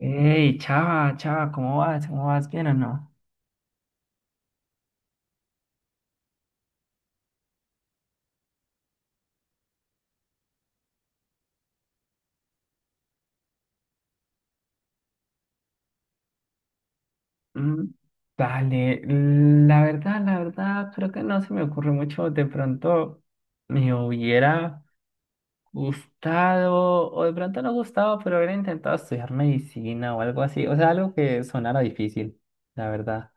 Hey, chava, chava, ¿cómo vas? ¿Cómo vas? ¿Bien o no? Mm. Dale, la verdad, creo que no se me ocurre mucho. De pronto me hubiera gustado, o de pronto no gustado, pero hubiera intentado estudiar medicina o algo así. O sea, algo que sonara difícil, la verdad.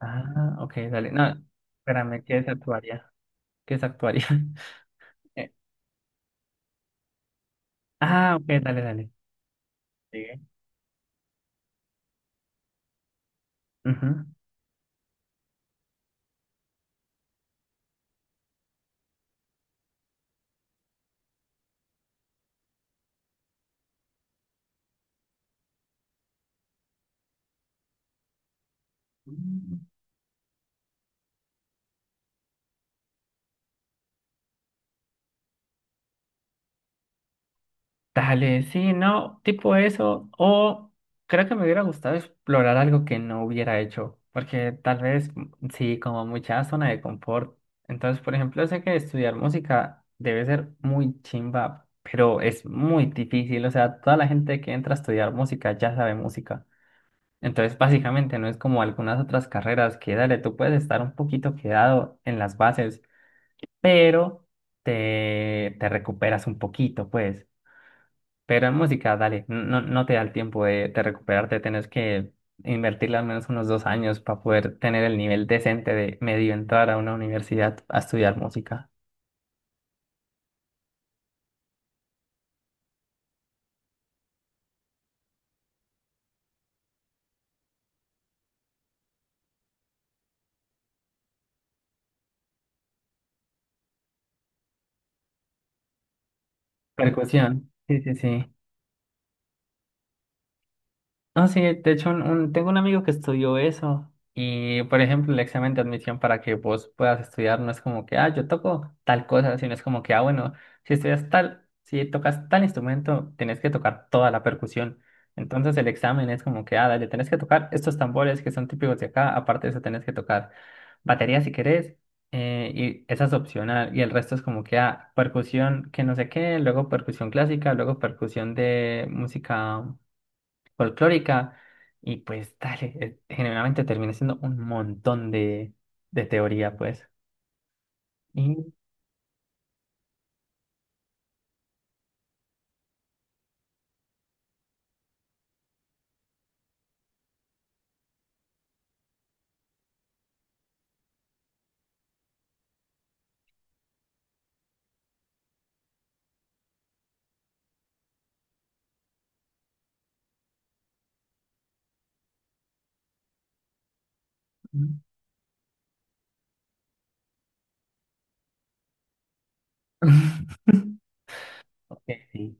Ah, ok, dale. No, espérame, ¿qué es actuaria? ¿Qué es actuaria? Eh, ok, dale, dale. Sigue. Ujú. Dale, sí, no, tipo eso. O creo que me hubiera gustado explorar algo que no hubiera hecho, porque tal vez sí, como mucha zona de confort. Entonces, por ejemplo, sé que estudiar música debe ser muy chimba, pero es muy difícil. O sea, toda la gente que entra a estudiar música ya sabe música. Entonces, básicamente no es como algunas otras carreras que, dale, tú puedes estar un poquito quedado en las bases, pero te recuperas un poquito, pues. Pero en música, dale, no, no te da el tiempo de recuperarte, tenés que invertirle al menos unos 2 años para poder tener el nivel decente de medio entrar a una universidad a estudiar música. Percusión, sí, sí, sí. No, sí, de hecho tengo un amigo que estudió eso y, por ejemplo, el examen de admisión para que vos puedas estudiar no es como que, ah, yo toco tal cosa, sino es como que, ah, bueno, si estudias tal, si tocas tal instrumento, tenés que tocar toda la percusión. Entonces el examen es como que, ah, dale, tenés que tocar estos tambores que son típicos de acá, aparte de eso tenés que tocar batería si querés, y esa es opcional, y el resto es como que, ah, percusión que no sé qué, luego percusión clásica, luego percusión de música folclórica y pues dale, generalmente termina siendo un montón de teoría, pues. Y... Ok, sí.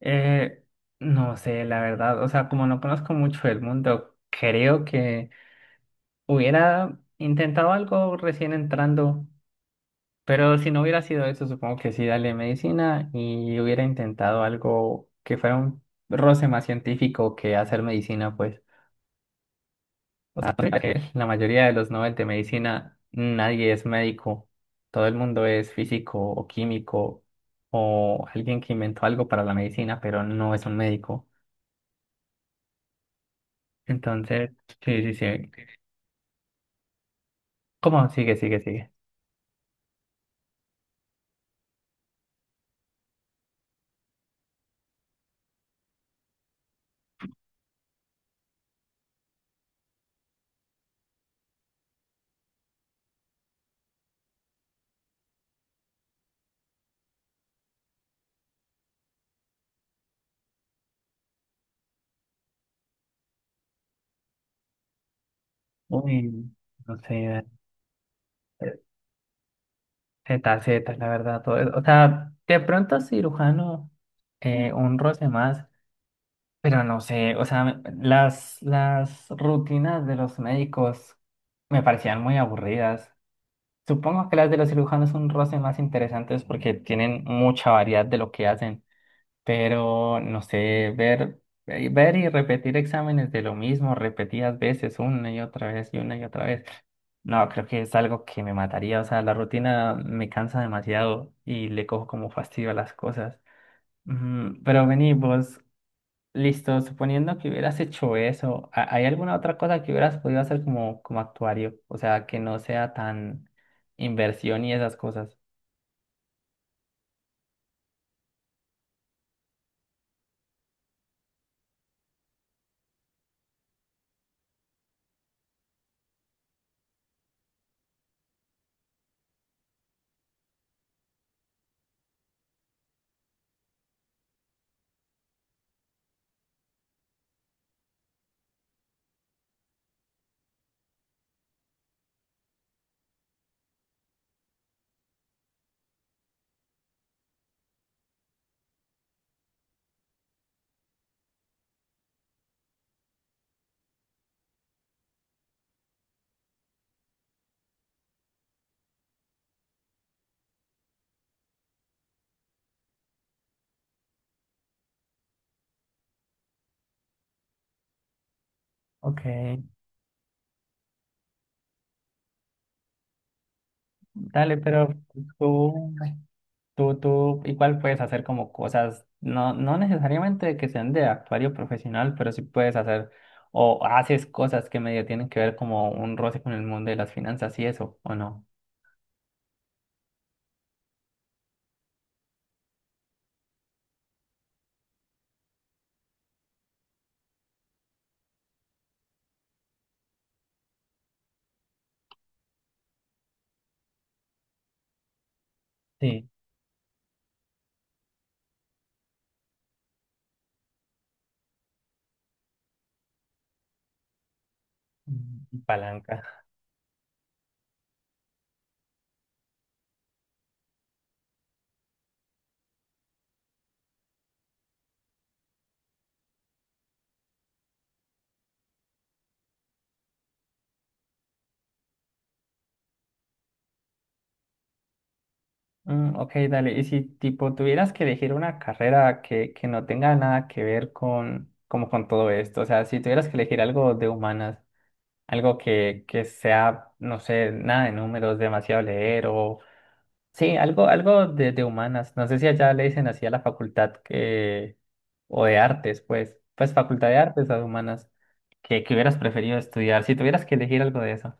Eh, no sé, la verdad, o sea, como no conozco mucho el mundo, creo que hubiera intentado algo recién entrando, pero si no hubiera sido eso, supongo que sí, dale medicina y hubiera intentado algo que fuera un roce más científico que hacer medicina, pues. O sea, mira que la mayoría de los Nobel de medicina, nadie es médico. Todo el mundo es físico o químico o alguien que inventó algo para la medicina, pero no es un médico. Entonces, sí, sí, sí. ¿Cómo? Sigue, sigue, sigue. Uy, no sé, eh, Z, Z, la verdad, todo eso. O sea, de pronto cirujano, un roce más, pero no sé, o sea, las rutinas de los médicos me parecían muy aburridas. Supongo que las de los cirujanos son roces más interesantes porque tienen mucha variedad de lo que hacen, pero no sé, ver, ver y repetir exámenes de lo mismo repetidas veces, una y otra vez y una y otra vez. No, creo que es algo que me mataría, o sea, la rutina me cansa demasiado y le cojo como fastidio a las cosas. Mm, pero vení, vos, listo, suponiendo que hubieras hecho eso, ¿hay alguna otra cosa que hubieras podido hacer como, como actuario? O sea, que no sea tan inversión y esas cosas. Ok, dale, pero tú, tú igual puedes hacer como cosas, no, no necesariamente que sean de actuario profesional, pero sí puedes hacer o haces cosas que medio tienen que ver como un roce con el mundo de las finanzas y eso, ¿o no? Sí, mm, palanca. Mm, ok, dale. Y si tipo tuvieras que elegir una carrera que no tenga nada que ver con, como con todo esto, o sea, si tuvieras que elegir algo de humanas, algo que sea, no sé, nada de números, demasiado leer o... Sí, algo, algo de humanas. No sé si allá le dicen así a la facultad que... o de artes, pues, pues facultad de artes o de humanas, que hubieras preferido estudiar, si tuvieras que elegir algo de eso.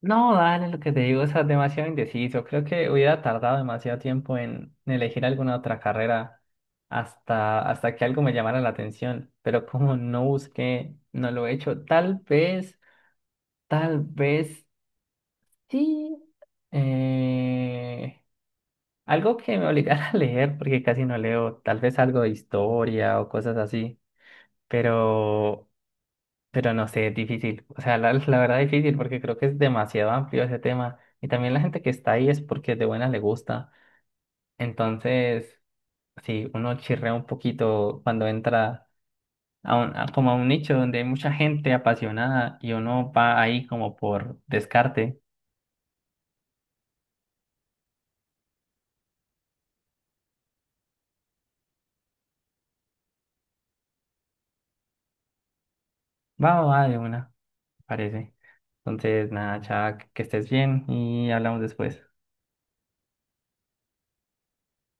No, dale, lo que te digo, es demasiado indeciso. Creo que hubiera tardado demasiado tiempo en elegir alguna otra carrera hasta, hasta que algo me llamara la atención. Pero como no busqué, no lo he hecho. Tal vez sí. eh, Algo que me obligara a leer, porque casi no leo. Tal vez algo de historia o cosas así. Pero Pero no sé, es difícil. O sea, la verdad es difícil porque creo que es demasiado amplio ese tema. Y también la gente que está ahí es porque de buena le gusta. Entonces, sí, uno chirrea un poquito cuando entra a un, como a un nicho donde hay mucha gente apasionada y uno va ahí como por descarte. Va o va de una, parece. Entonces, nada, Chuck, que estés bien y hablamos después.